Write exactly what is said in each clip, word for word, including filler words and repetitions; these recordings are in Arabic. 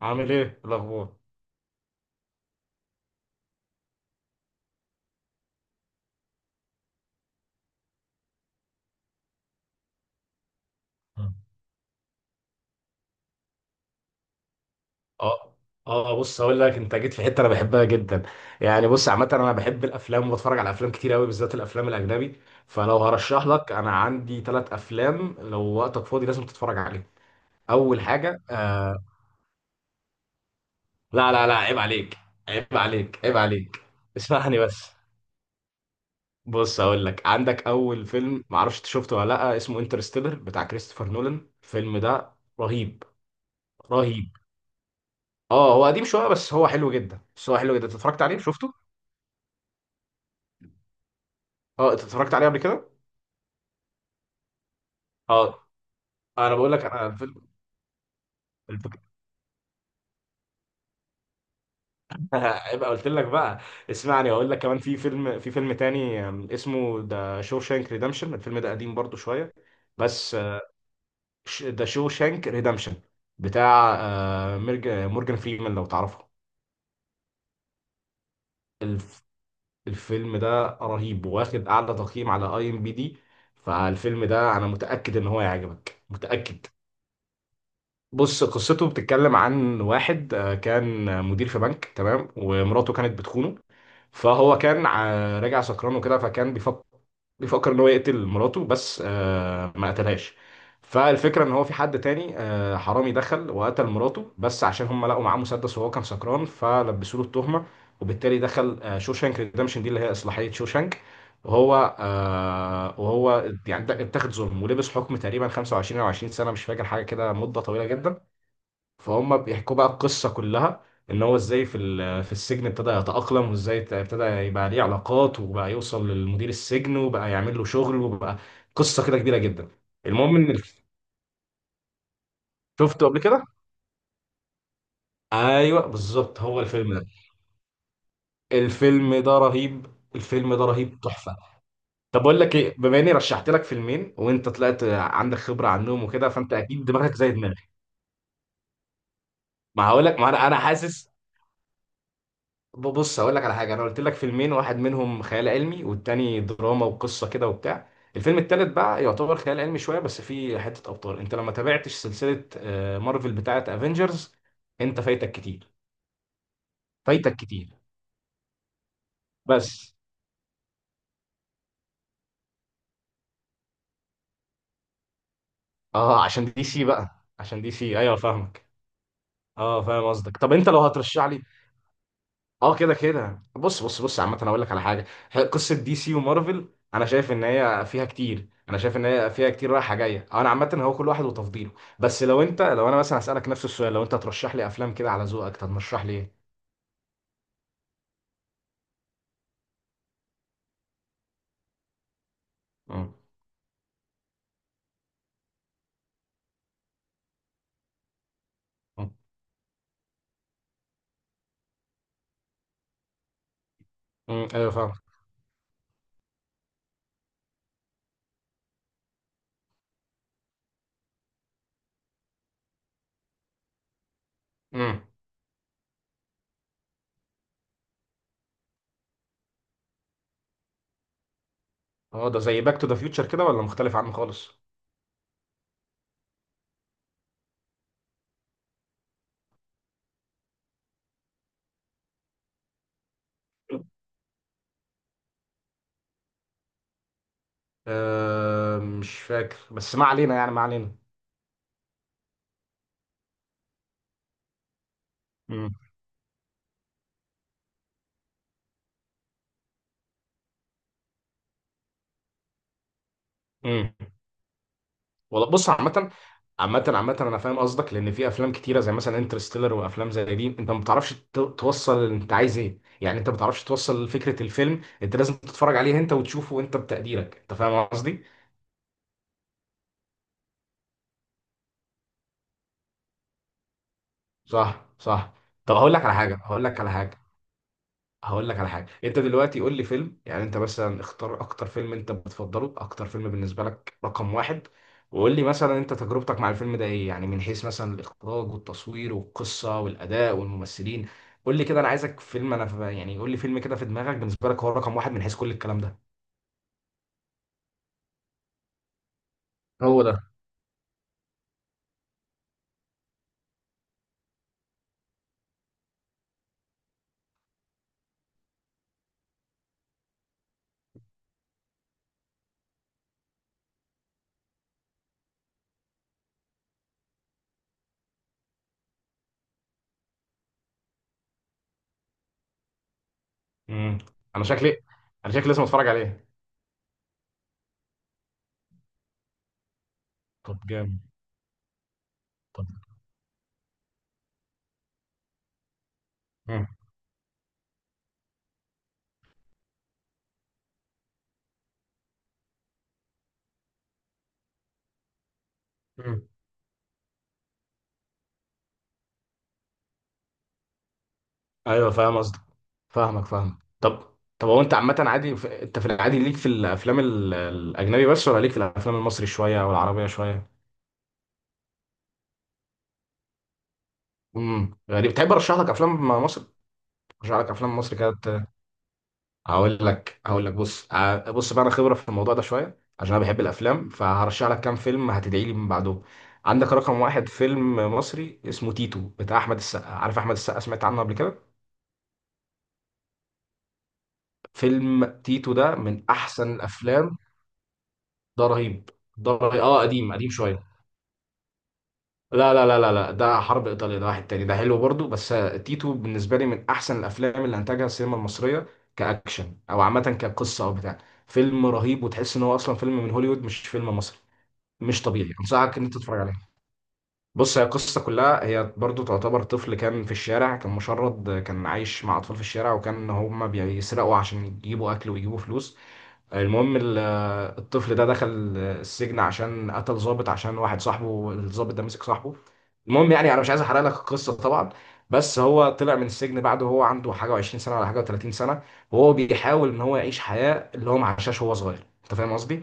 عامل ايه الاخبار؟ مم. اه، اه، بص هقول لك، انت جيت في حته انا بحبها جدا. يعني، بص، عامه انا بحب الافلام وبتفرج على افلام كتير قوي، بالذات الافلام الاجنبي. فلو هرشح لك، انا عندي ثلاث افلام لو وقتك فاضي لازم تتفرج عليهم. اول حاجه آه لا، لا، لا، عيب عليك، عيب عليك، عيب عليك. اسمعني بس، بص هقول لك، عندك اول فيلم، معرفش انت شفته ولا لا، اسمه انترستيلر بتاع كريستوفر نولان. الفيلم ده رهيب، رهيب. اه، هو قديم شويه، بس هو حلو جدا، بس هو حلو جدا. انت اتفرجت عليه؟ شفته؟ اه، انت اتفرجت عليه قبل كده؟ اه، انا بقول لك، انا الفيلم الفك... يبقى قلت لك بقى. اسمعني اقول لك، كمان في فيلم في فيلم تاني آم، اسمه ذا شانك ريدمشن. الفيلم ده قديم برضو شويه. بس ذا شانك ريدمشن بتاع آه، ميرج- مورجان فريمان، لو تعرفه. الفيلم ده رهيب، واخد اعلى تقييم على اي ام بي دي. فالفيلم ده انا متاكد ان هو يعجبك، متاكد. بص، قصته بتتكلم عن واحد آه، كان مدير في بنك، تمام، ومراته كانت بتخونه. فهو كان آه، راجع سكران وكده، فكان بيفكر، بيفكر ان هو يقتل مراته، بس آه، ما قتلهاش. فالفكره ان هو في حد تاني، آه، حرامي دخل وقتل مراته، بس عشان هم لقوا معاه مسدس وهو كان سكران، فلبسوا له التهمه. وبالتالي دخل آه، شوشانك ريدمشن، دي اللي هي اصلاحيه شوشانك. وهو آه وهو يعني اتاخد ظلم ولبس حكم تقريبا خمسه وعشرين او عشرين سنه، مش فاكر، حاجه كده، مده طويله جدا. فهم بيحكوا بقى القصة كلها، ان هو ازاي في ال- في السجن ابتدى يتأقلم، وازاي ت- ابتدى يبقى ليه علاقات، وبقى يوصل للمدير السجن، وبقى يعمل له شغل، وبقى قصة كده كبيرة جدا. المهم ان الف- شفته قبل كده؟ ايوه، بالظبط، هو الفيلم ده. الفيلم ده رهيب، الفيلم ده رهيب، تحفة. طب بقول لك ايه، بما اني رشحت لك فيلمين وانت طلعت عندك خبرة عنهم وكده، فانت اكيد دماغك زي دماغي. ما هقول لك، ما انا انا حاسس. بص هقول لك على حاجه، انا قلت لك فيلمين، واحد منهم خيال علمي والتاني دراما وقصه كده وبتاع. الفيلم التالت بقى يعتبر خيال علمي شويه، بس فيه حته ابطال. انت لما تابعتش سلسله آه، مارفل بتاعه افنجرز، انت فايتك كتير، فايتك كتير. بس اه، عشان دي سي بقى، عشان دي سي، ايوه فاهمك. اه فاهم قصدك، طب انت لو هترشح لي، اه كده كده، بص، بص، بص، عامة انا اقول لك على حاجة، ح- قصة دي سي ومارفل، انا شايف ان هي فيها كتير، انا شايف ان هي فيها كتير رايحة جاية، أه، انا عامة هو كل واحد وتفضيله. بس لو انت لو انا مثلا هسألك نفس السؤال، لو انت ترشح لي افلام كده على ذوقك، ترشح لي ايه؟ امم. امم. امم، ايوه فاهم. امم. اه. ده زي باك تو ذا فيوتشر كده ولا مختلف عنه خالص؟ آه مش فاكر، بس ما علينا، يعني ما علينا. امم. والله بص، عامة، عامة، عامة أنا فاهم قصدك. لأن في أفلام كتيرة زي مثلا انترستيلر وأفلام زي دي، أنت ما بتعرفش ت- توصل أنت عايز إيه، يعني أنت ما بتعرفش توصل فكرة الفيلم، أنت لازم تتفرج عليه أنت وتشوفه، أنت بتقديرك. أنت فاهم قصدي؟ صح، صح. طب، هقول لك على حاجة هقول لك على حاجة هقول لك على حاجه، انت دلوقتي قول لي فيلم، يعني انت مثلا اختار اكتر فيلم انت بتفضله، اكتر فيلم بالنسبه لك رقم واحد. وقول لي مثلا انت تجربتك مع الفيلم ده ايه، يعني من حيث مثلا الاخراج والتصوير والقصه والاداء والممثلين. قول لي كده، انا عايزك فيلم، انا ف- يعني قول لي فيلم كده في دماغك، بالنسبه لك هو رقم واحد من حيث كل الكلام ده. هو ده. امم. انا شكلي، انا شكلي لازم اتفرج عليه. طب جامد. طب. مم. ايوه فاهم قصدك، فاهمك، فاهمك، طب، طب. هو انت عامه، عادي في... انت في العادي ليك في الافلام ال- الاجنبي بس، ولا ليك في الافلام المصري شويه او العربيه شويه؟ امم غريب. تحب ارشح لك افلام مصر؟ ارشح لك افلام مصر كده ت- هقول لك هقول لك بص، ع- بص بقى، انا خبره في الموضوع ده شويه عشان انا بحب الافلام. فهرشح لك كام فيلم هتدعي لي من بعدهم. عندك رقم واحد، فيلم مصري اسمه تيتو بتاع احمد السقا، عارف احمد السقا؟ سمعت عنه قبل كده؟ فيلم تيتو ده من احسن الافلام، ده رهيب، ده رهيب. اه قديم، قديم شويه. لا، لا، لا، لا، لا، ده حرب ايطاليا، ده واحد تاني، ده حلو برضو، بس آه، تيتو بالنسبه لي من احسن الافلام اللي انتجها السينما المصريه، كاكشن او عامه كقصه او بتاع. فيلم رهيب، وتحس ان هو اصلا فيلم من هوليوود، مش فيلم مصري. مش طبيعي، انصحك ان انت تتفرج عليه. بص، هي القصه كلها، هي برضو تعتبر طفل كان في الشارع، كان مشرد، آه، كان عايش مع اطفال في الشارع، وكان هما بيسرقوا عشان يجيبوا اكل ويجيبوا فلوس. المهم ال- الطفل ده دخل السجن عشان قتل ضابط، عشان واحد صاحبه الضابط ده مسك صاحبه. المهم، يعني انا مش عايز احرق لك القصه طبعا، بس هو طلع من السجن بعد وهو عنده حاجه و20 سنه ولا حاجه و30 سنه، وهو بيحاول ان هو يعيش حياه اللي هو ما عاشهاش وهو صغير. انت فاهم قصدي؟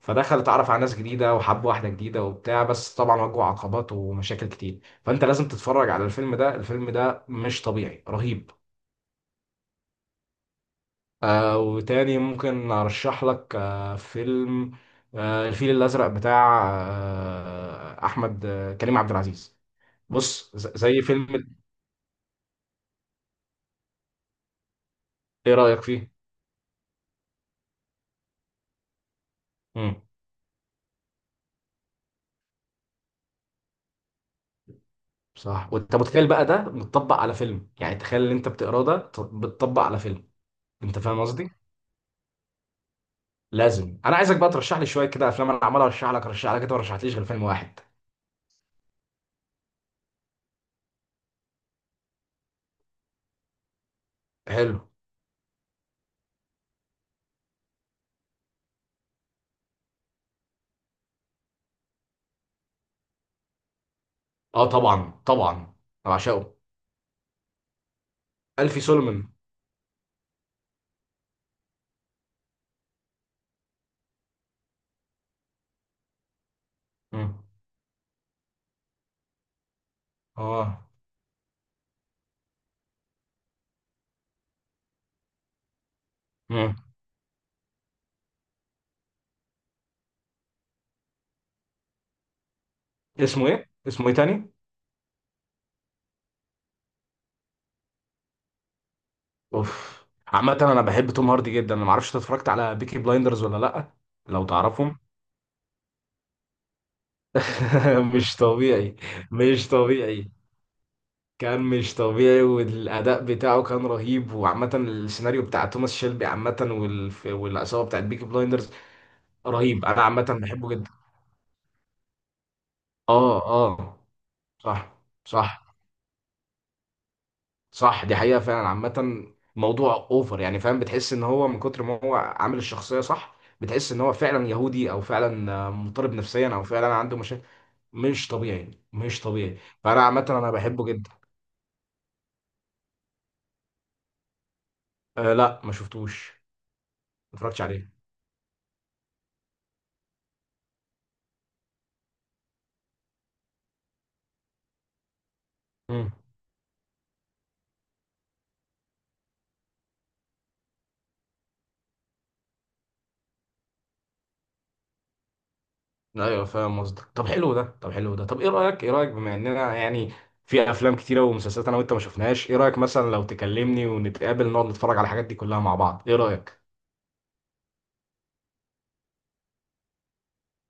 فدخل، اتعرف على ناس جديده وحب واحده جديده وبتاع، بس طبعا واجهه عقبات ومشاكل كتير. فانت لازم تتفرج على الفيلم ده، الفيلم ده مش طبيعي، رهيب. آه وتاني ممكن ارشح لك آه فيلم، آه الفيل الازرق بتاع آه احمد، آه كريم عبد العزيز. بص ز- زي فيلم. ايه رايك فيه؟ امم. صح، وانت متخيل بقى ده متطبق على فيلم، يعني تخيل اللي انت بتقراه ده ت- بتطبق على فيلم. انت فاهم قصدي؟ لازم، انا عايزك بقى ترشح لي شويه كده افلام، انا عمال ارشح لك، ارشح لك، انت ما رشحتليش غير فيلم واحد. حلو. اه طبعا، طبعا، انا بعشقه، الفي سولمان. امم. اه. امم. اسمه ايه؟ اسمه ايه تاني؟ اوف، عامة انا بحب توم هاردي جدا، انا ما اعرفش انت اتفرجت على بيكي بلايندرز ولا لا، لو تعرفهم. مش طبيعي، مش طبيعي. كان مش طبيعي، والاداء بتاعه كان رهيب، وعامة السيناريو بتاع توماس شيلبي عامة، والف... والعصابة بتاعت بيكي بلايندرز، رهيب. انا عامة بحبه جدا. اه، اه. صح، صح. صح، دي حقيقة فعلا. عامة موضوع اوفر، يعني فاهم، بتحس ان هو من كتر ما هو عامل الشخصية صح، بتحس ان هو فعلا يهودي، او فعلا آه، مضطرب نفسيا، او فعلا عنده مشاكل. مش طبيعي، مش طبيعي. فانا عامة انا بحبه جدا. أه لا، ما شفتوش. ما اتفرجتش عليه. امم، ايوه فاهم قصدك، طب، حلو ده، طب، حلو ده، طب ايه رأيك؟ ايه رأيك، بما اننا يعني في افلام كتيرة ومسلسلات انا وانت ما شفناهاش، ايه رأيك مثلا لو تكلمني ونتقابل نقعد نتفرج على الحاجات دي كلها مع بعض؟ ايه رأيك؟